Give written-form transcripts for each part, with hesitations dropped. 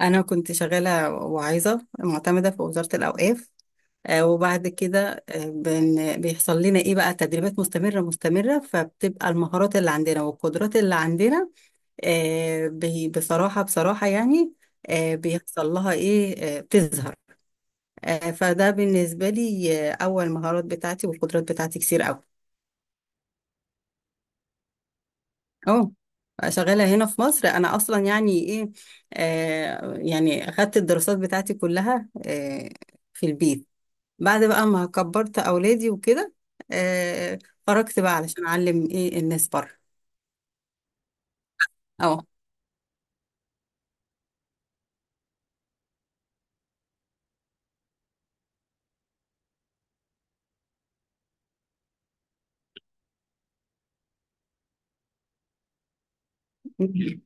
أنا كنت شغالة واعظة معتمدة في وزارة الأوقاف. وبعد كده بيحصل لنا إيه بقى تدريبات مستمرة فبتبقى المهارات اللي عندنا والقدرات اللي عندنا بصراحة يعني بيحصل لها إيه بتظهر. فده بالنسبة لي أول مهارات بتاعتي والقدرات بتاعتي كتير أوي. أه. شغالة هنا في مصر أنا أصلا يعني إيه. يعني أخدت الدراسات بتاعتي كلها في البيت بعد بقى ما كبرت اولادي وكده. آه. خرجت بقى علشان اعلم ايه الناس بره. اه.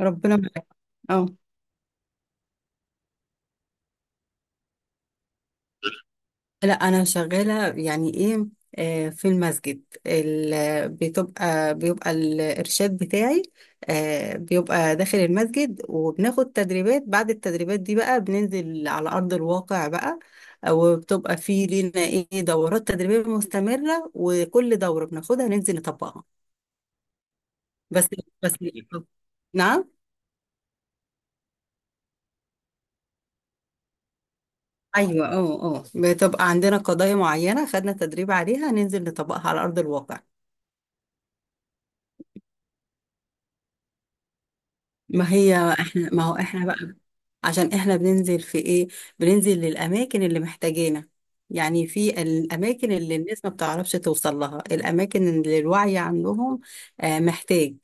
ربنا معاك. اه. لا انا شغاله يعني ايه في المسجد بتبقى بيبقى الارشاد بتاعي. بيبقى داخل المسجد وبناخد تدريبات، بعد التدريبات دي بقى بننزل على ارض الواقع بقى. وبتبقى في لينا ايه دورات تدريبيه مستمره، وكل دوره بناخدها ننزل نطبقها. بس بس. نعم. ايوه اه بتبقى عندنا قضايا معينه خدنا تدريب عليها، ننزل نطبقها على ارض الواقع. ما هو احنا بقى، عشان احنا بننزل في ايه، بننزل للاماكن اللي محتاجينها، يعني في الاماكن اللي الناس ما بتعرفش توصل لها، الاماكن اللي الوعي عندهم محتاج.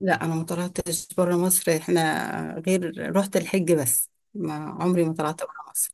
لا انا ما طلعتش بره مصر، احنا غير رحت الحج بس، ما عمري ما طلعت بره مصر.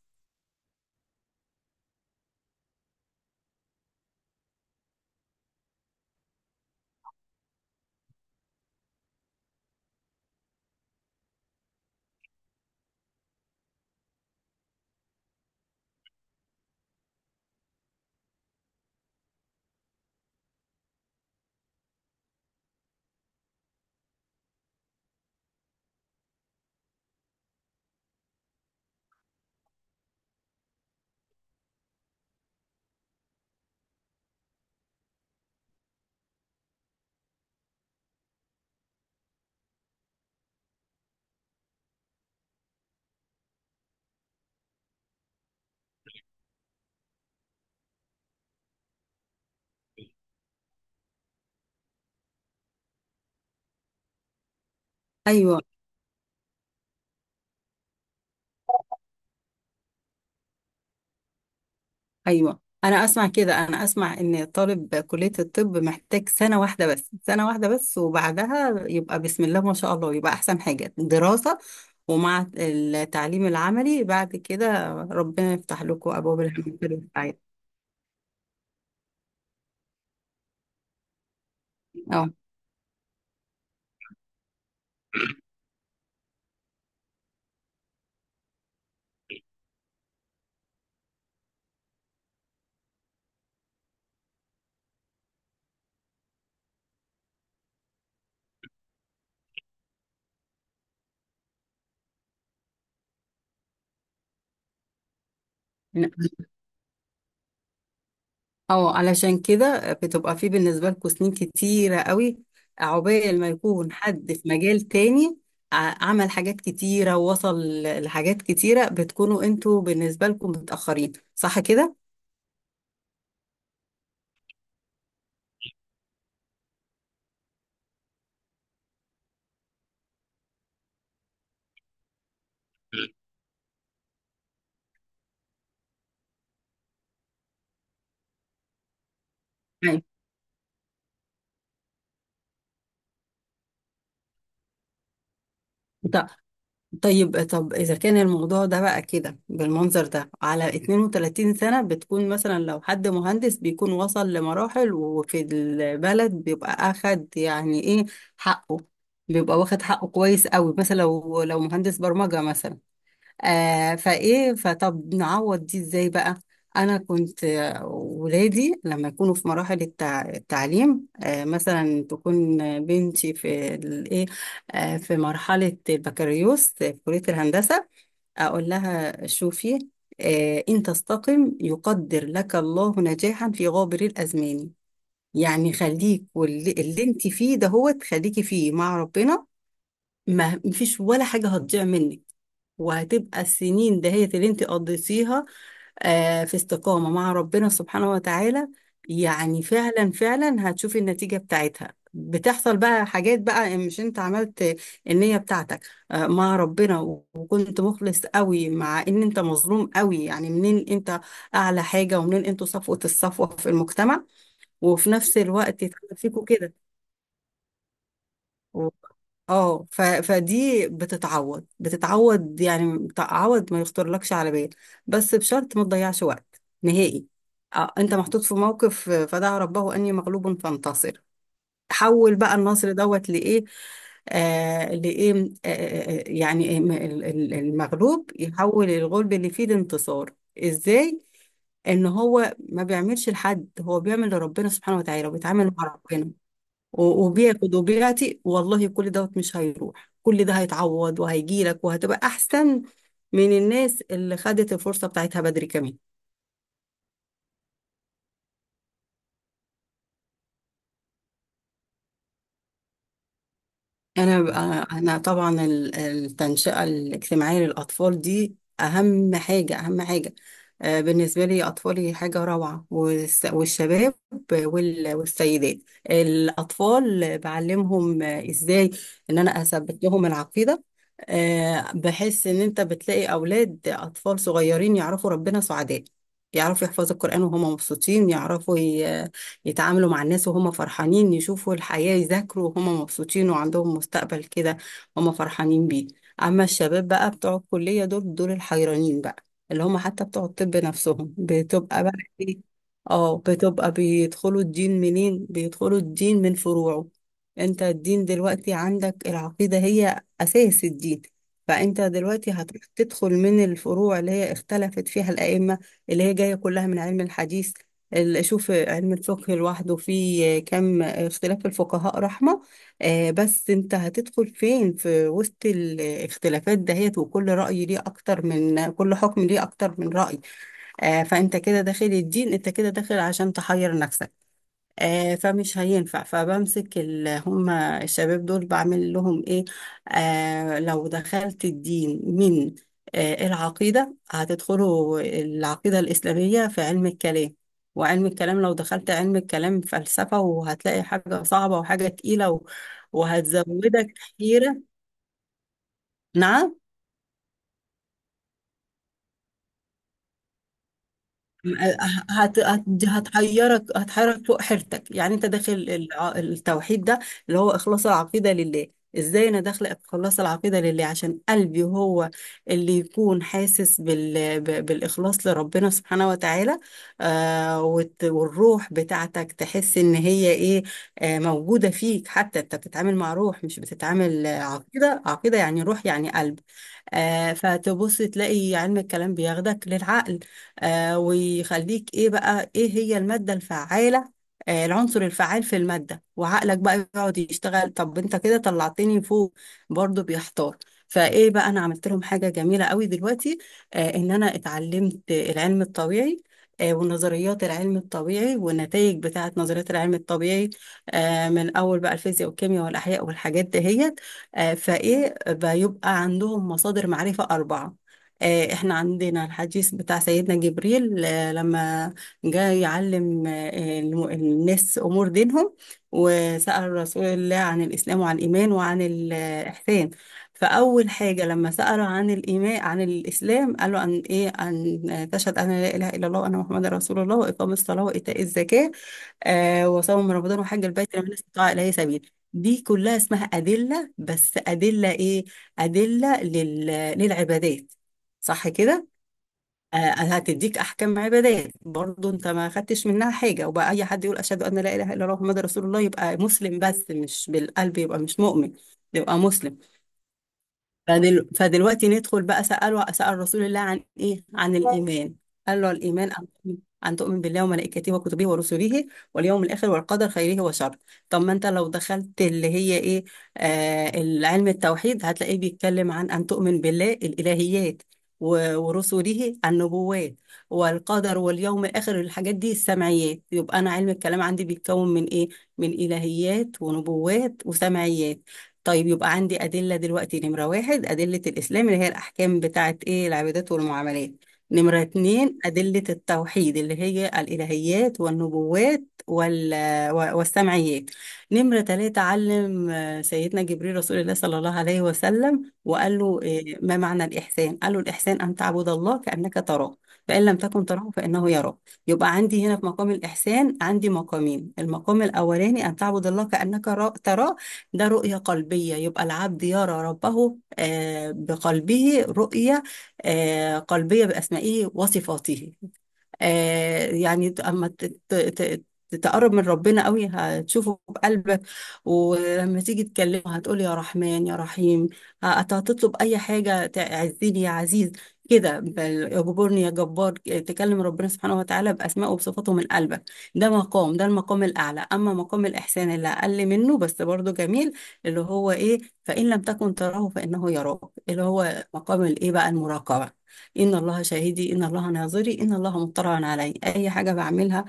ايوه. ايوه، انا اسمع كده، انا اسمع ان طالب كلية الطب محتاج سنة واحدة بس، سنة واحدة بس، وبعدها يبقى بسم الله ما شاء الله يبقى احسن حاجة دراسة. ومع التعليم العملي بعد كده ربنا يفتح لكم ابواب الخير والسعادة. اه. اه، علشان كده بتبقى في بالنسبة لكم سنين كتيرة قوي، عقبال ما يكون حد في مجال تاني عمل حاجات كتيرة ووصل لحاجات كتيرة، بتكونوا انتوا بالنسبة لكم متأخرين، صح كده؟ أيوة. ط- طيب، طب إذا كان الموضوع ده بقى كده بالمنظر ده على 32 سنة، بتكون مثلا لو حد مهندس بيكون وصل لمراحل وفي البلد بيبقى أخد يعني إيه حقه، بيبقى واخد حقه كويس قوي مثلا لو مهندس برمجة مثلا. فايه، فطب نعوض دي ازاي بقى؟ انا كنت ولادي لما يكونوا في مراحل التعليم مثلا تكون بنتي في الايه في مرحله البكالوريوس في كليه الهندسه، اقول لها شوفي، ان تستقم يقدر لك الله نجاحا في غابر الازمان. يعني خليك واللي اللي انت فيه ده هو تخليكي فيه مع ربنا. ما مفيش ولا حاجة هتضيع منك، وهتبقى السنين دهيت اللي انت قضيتيها في استقامة مع ربنا سبحانه وتعالى. يعني فعلا هتشوفي النتيجة بتاعتها، بتحصل بقى حاجات بقى مش انت عملت النية بتاعتك مع ربنا، وكنت مخلص قوي مع ان انت مظلوم قوي، يعني منين انت اعلى حاجة، ومنين انتوا صفوة الصفوة في المجتمع، وفي نفس الوقت يتحدث فيكوا كده. اه فدي بتتعوض يعني تعوض ما يخطرلكش على بال، بس بشرط ما تضيعش وقت نهائي. انت محطوط في موقف، فدعا ربه اني مغلوب فانتصر. حول بقى النصر دوت لايه، لايه، يعني المغلوب يحول الغلب اللي فيه الانتصار. ازاي؟ ان هو ما بيعملش لحد، هو بيعمل لربنا سبحانه وتعالى وبيتعامل مع ربنا وبياخد وبيعطي والله، كل دوت مش هيروح، كل ده هيتعوض وهيجيلك وهتبقى احسن من الناس اللي خدت الفرصة بتاعتها بدري كمان. أنا طبعا التنشئة الاجتماعية للأطفال دي أهم حاجة بالنسبة لي. أطفالي حاجة روعة، والشباب والسيدات. الأطفال بعلمهم إزاي إن أنا أثبت لهم العقيدة. بحس إن أنت بتلاقي أولاد أطفال صغيرين يعرفوا ربنا، سعداء، يعرفوا يحفظوا القرآن وهم مبسوطين، يعرفوا يتعاملوا مع الناس وهم فرحانين، يشوفوا الحياة، يذاكروا وهم مبسوطين، وعندهم مستقبل كده هم فرحانين بيه. أما الشباب بقى بتوع الكلية دول الحيرانين بقى، اللي هم حتى بتوع الطب نفسهم بتبقى بقى إيه؟ اه، بتبقى بيدخلوا الدين منين، بيدخلوا الدين من فروعه. انت الدين دلوقتي عندك العقيدة هي أساس الدين، فانت دلوقتي هتروح تدخل من الفروع اللي هي اختلفت فيها الأئمة، اللي هي جاية كلها من علم الحديث. اشوف علم الفقه لوحده فيه كم اختلاف الفقهاء رحمة. بس انت هتدخل فين في وسط الاختلافات دهيت، وكل رأي ليه اكتر، من كل حكم ليه اكتر من رأي. فانت كده داخل الدين، انت كده داخل عشان تحير نفسك. فمش هينفع، فبمسك هم الشباب دول بعمل لهم ايه؟ لو دخلت الدين من العقيدة، هتدخلوا العقيدة الإسلامية في علم الكلام. وعلم الكلام لو دخلت علم الكلام فلسفة، وهتلاقي حاجة صعبة وحاجة تقيلة وهتزودك حيرة. نعم. هت... هت... هتحيرك، هتحيرك فوق حيرتك. يعني انت داخل التوحيد ده اللي هو اخلاص العقيده لله. ازاي انا داخله اخلص العقيده لله، عشان قلبي هو اللي يكون حاسس بالاخلاص لربنا سبحانه وتعالى. والروح بتاعتك تحس ان هي ايه، موجوده فيك. حتى انت بتتعامل مع روح، مش بتتعامل عقيده يعني روح، يعني قلب. فتبص تلاقي علم الكلام بياخدك للعقل، ويخليك ايه بقى، ايه هي المادة الفعالة، العنصر الفعال في المادة، وعقلك بقى يقعد يشتغل. طب انت كده طلعتني فوق، برضو بيحتار. فايه بقى، انا عملت لهم حاجة جميلة قوي دلوقتي، ان انا اتعلمت العلم الطبيعي ونظريات العلم الطبيعي والنتائج بتاعت نظريات العلم الطبيعي من أول بقى الفيزياء والكيمياء والأحياء والحاجات دهيت. فإيه بيبقى عندهم مصادر معرفة أربعة. احنا عندنا الحديث بتاع سيدنا جبريل لما جاء يعلم الناس امور دينهم، وسأل رسول الله عن الاسلام وعن الايمان وعن الاحسان. فاول حاجه لما سأله عن الايمان عن الاسلام، قال له ان ايه، ان تشهد ان لا اله الا الله وان محمد رسول الله، واقام الصلاه، وايتاء الزكاه، وصوم رمضان، وحج البيت لمن استطاع إليه سبيل. دي كلها اسمها أدلة، بس أدلة إيه؟ أدلة لل... للعبادات، صح كده؟ هتديك أحكام عبادات، برضو أنت ما خدتش منها حاجة، وبقى أي حد يقول أشهد أن لا إله إلا الله محمد رسول الله يبقى مسلم، بس مش بالقلب، يبقى مش مؤمن، يبقى مسلم. فدلوقتي ندخل بقى، سأله، سأل رسول الله عن إيه؟ عن الإيمان. قال له الإيمان أن تؤمن، أن تؤمن بالله وملائكته وكتبه ورسله واليوم الآخر والقدر خيره وشره. طب ما أنت لو دخلت اللي هي إيه، علم التوحيد، هتلاقيه بيتكلم عن أن تؤمن بالله الإلهيات، ورسله النبوات، والقدر واليوم الآخر الحاجات دي السمعيات. يبقى أنا علم الكلام عندي بيتكون من إيه؟ من إلهيات ونبوات وسمعيات. طيب يبقى عندي أدلة دلوقتي، نمرة واحد أدلة الإسلام اللي هي الأحكام بتاعة إيه العبادات والمعاملات. نمرة اتنين أدلة التوحيد اللي هي الإلهيات والنبوات والسمعيات. نمرة تلاتة، علم سيدنا جبريل رسول الله صلى الله عليه وسلم وقال له ما معنى الإحسان، قال له الإحسان أن تعبد الله كأنك تراه، فإن لم تكن تراه فإنه يراك. يبقى عندي هنا في مقام الإحسان عندي مقامين، المقام الأولاني أن تعبد الله كأنك تراه، ده رؤية قلبية، يبقى العبد يرى ربه بقلبه رؤية قلبية بأسمائه وصفاته. يعني اما تقرب من ربنا قوي هتشوفه بقلبك، ولما تيجي تكلمه هتقول يا رحمن يا رحيم، هتطلب اي حاجه، تعزني يا عزيز كده، اجبرني يا جبار، تكلم ربنا سبحانه وتعالى باسمائه وبصفاته من قلبك. ده مقام، ده المقام الاعلى. اما مقام الاحسان اللي اقل منه بس برضه جميل، اللي هو ايه، فان لم تكن تراه فانه يراك، اللي هو مقام الايه بقى، المراقبه. إن الله شاهدي، إن الله ناظري، إن الله مطلع علي أي حاجة بعملها.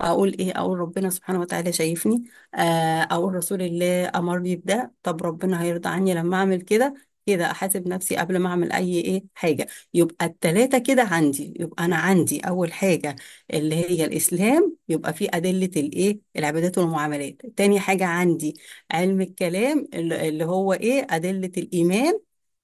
اقول ايه، اقول ربنا سبحانه وتعالى شايفني، آه، اقول رسول الله امرني بده، طب ربنا هيرضى عني لما اعمل كده، كده احاسب نفسي قبل ما اعمل اي ايه حاجه. يبقى التلاته كده عندي، يبقى انا عندي اول حاجه اللي هي الاسلام، يبقى في ادله الايه العبادات والمعاملات. تاني حاجه عندي علم الكلام اللي هو ايه ادله الايمان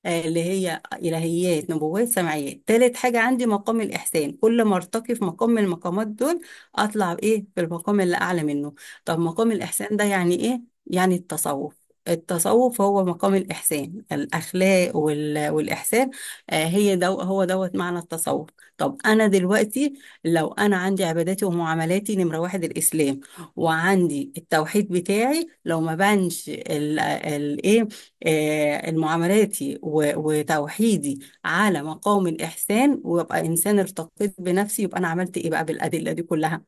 اللي هي إلهيات نبوات سمعيات. تالت حاجة عندي مقام الإحسان. كل ما ارتقي في مقام من المقامات دول اطلع بايه بالمقام اللي اعلى منه. طب مقام الاحسان ده يعني ايه، يعني التصوف. التصوف هو مقام الإحسان، الأخلاق والإحسان. هو دوت معنى التصوف. طب أنا دلوقتي لو أنا عندي عباداتي ومعاملاتي، نمرة واحد الإسلام، وعندي التوحيد بتاعي، لو ما بانش إيه معاملاتي وتوحيدي على مقام الإحسان، ويبقى إنسان ارتقيت بنفسي، يبقى أنا عملت إيه بقى بالأدلة دي كلها.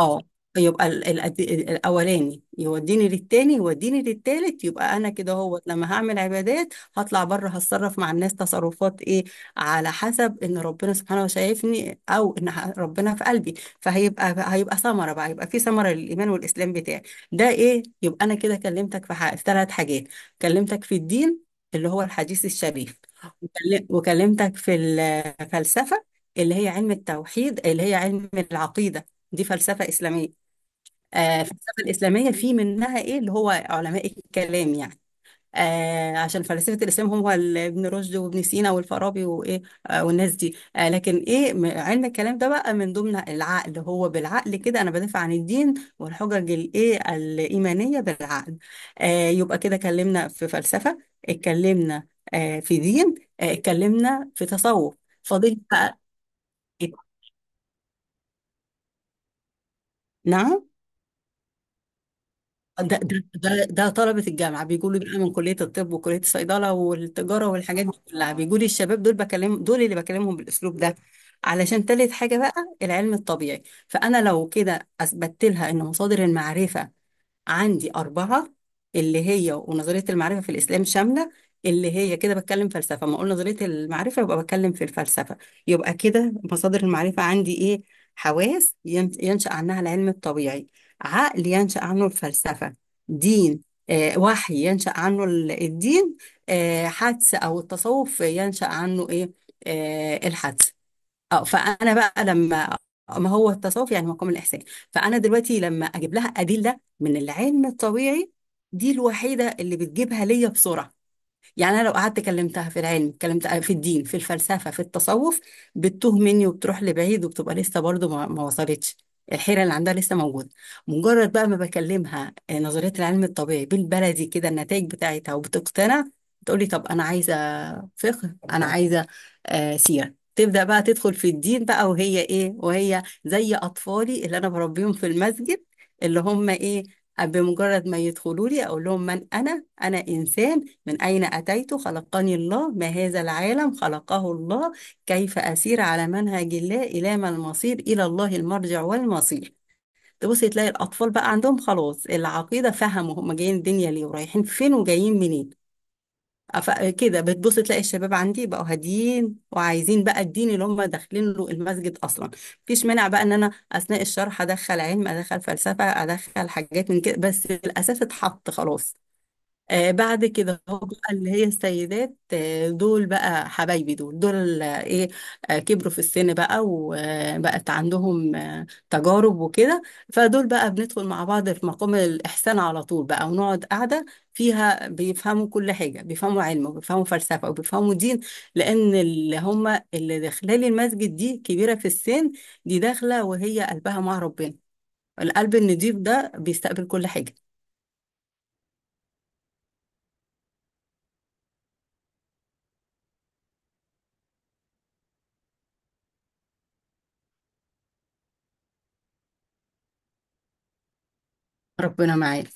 اه. يبقى الاولاني يوديني للتاني يوديني للتالت. يبقى انا كده، هو لما هعمل عبادات هطلع بره، هتصرف مع الناس تصرفات ايه، على حسب ان ربنا سبحانه شايفني او ان ربنا في قلبي. فهيبقى ثمره بقى، يبقى في ثمره للايمان والاسلام بتاعي. ده ايه، يبقى انا كده كلمتك في في ثلاث حاجات. كلمتك في الدين اللي هو الحديث الشريف، وكلمتك في الفلسفه اللي هي علم التوحيد اللي هي علم العقيده، دي فلسفة إسلامية. الفلسفة الإسلامية في منها إيه اللي هو علماء الكلام يعني. عشان فلسفة الإسلام هو ابن رشد وابن سينا والفارابي وإيه والناس دي، آه لكن إيه علم الكلام ده بقى من ضمن العقل، هو بالعقل كده أنا بدافع عن الدين، والحجج الإيه الإيمانية بالعقل. يبقى كده اتكلمنا في فلسفة، اتكلمنا في دين، اتكلمنا في تصوف، فاضل بقى. إيه؟ نعم. ده طلبة الجامعة بيقولوا بقى من كلية الطب وكلية الصيدلة والتجارة والحاجات دي كلها، بيقولي الشباب دول بكلم دول اللي بكلمهم بالأسلوب ده، علشان تالت حاجة بقى العلم الطبيعي. فأنا لو كده أثبتت لها إن مصادر المعرفة عندي أربعة، اللي هي ونظرية المعرفة في الإسلام شاملة، اللي هي كده بتكلم فلسفة، ما أقول نظرية المعرفة يبقى بتكلم في الفلسفة. يبقى كده مصادر المعرفة عندي إيه، حواس ينشأ عنها العلم الطبيعي، عقل ينشأ عنه الفلسفة، دين، وحي ينشأ عنه الدين، حدس أو التصوف ينشأ عنه إيه، الحدس. اه فانا بقى لما، ما هو التصوف يعني مقام الاحسان. فانا دلوقتي لما اجيب لها ادله من العلم الطبيعي، دي الوحيده اللي بتجيبها ليا بسرعه. يعني انا لو قعدت كلمتها في العلم، كلمتها في الدين في الفلسفه في التصوف، بتتوه مني وبتروح لبعيد، وبتبقى لسه برضه ما وصلتش، الحيره اللي عندها لسه موجوده. مجرد بقى ما بكلمها نظريه العلم الطبيعي بالبلدي كده النتائج بتاعتها، وبتقتنع، تقولي طب انا عايزه فقه، انا عايزه سيره، تبدا بقى تدخل في الدين بقى وهي ايه، وهي زي اطفالي اللي انا بربيهم في المسجد اللي هم ايه. بمجرد ما يدخلوا لي اقول لهم من انا، انا انسان، من أين أتيت، خلقني الله، ما هذا العالم، خلقه الله، كيف أسير على منهج الله، إلى ما المصير، إلى الله المرجع والمصير. تبص تلاقي الأطفال بقى عندهم خلاص العقيدة، فهموا هم جايين الدنيا ليه ورايحين فين وجايين منين. كده بتبص تلاقي الشباب عندي بقوا هاديين وعايزين بقى الدين اللي هم داخلين له المسجد اصلا. مفيش مانع بقى ان انا اثناء الشرح ادخل علم ادخل فلسفه ادخل حاجات من كده، بس الاساس اتحط خلاص. بعد كده هو بقى اللي هي السيدات دول بقى حبايبي دول آه ايه، كبروا في السن بقى وبقت عندهم تجارب وكده. فدول بقى بندخل مع بعض في مقام الإحسان على طول بقى، ونقعد قاعدة فيها بيفهموا كل حاجة، بيفهموا علم وبيفهموا فلسفة وبيفهموا دين. لأن اللي هم اللي داخلين المسجد دي كبيرة في السن، دي داخلة وهي قلبها مع ربنا، القلب النضيف ده بيستقبل كل حاجة. ربنا معاك.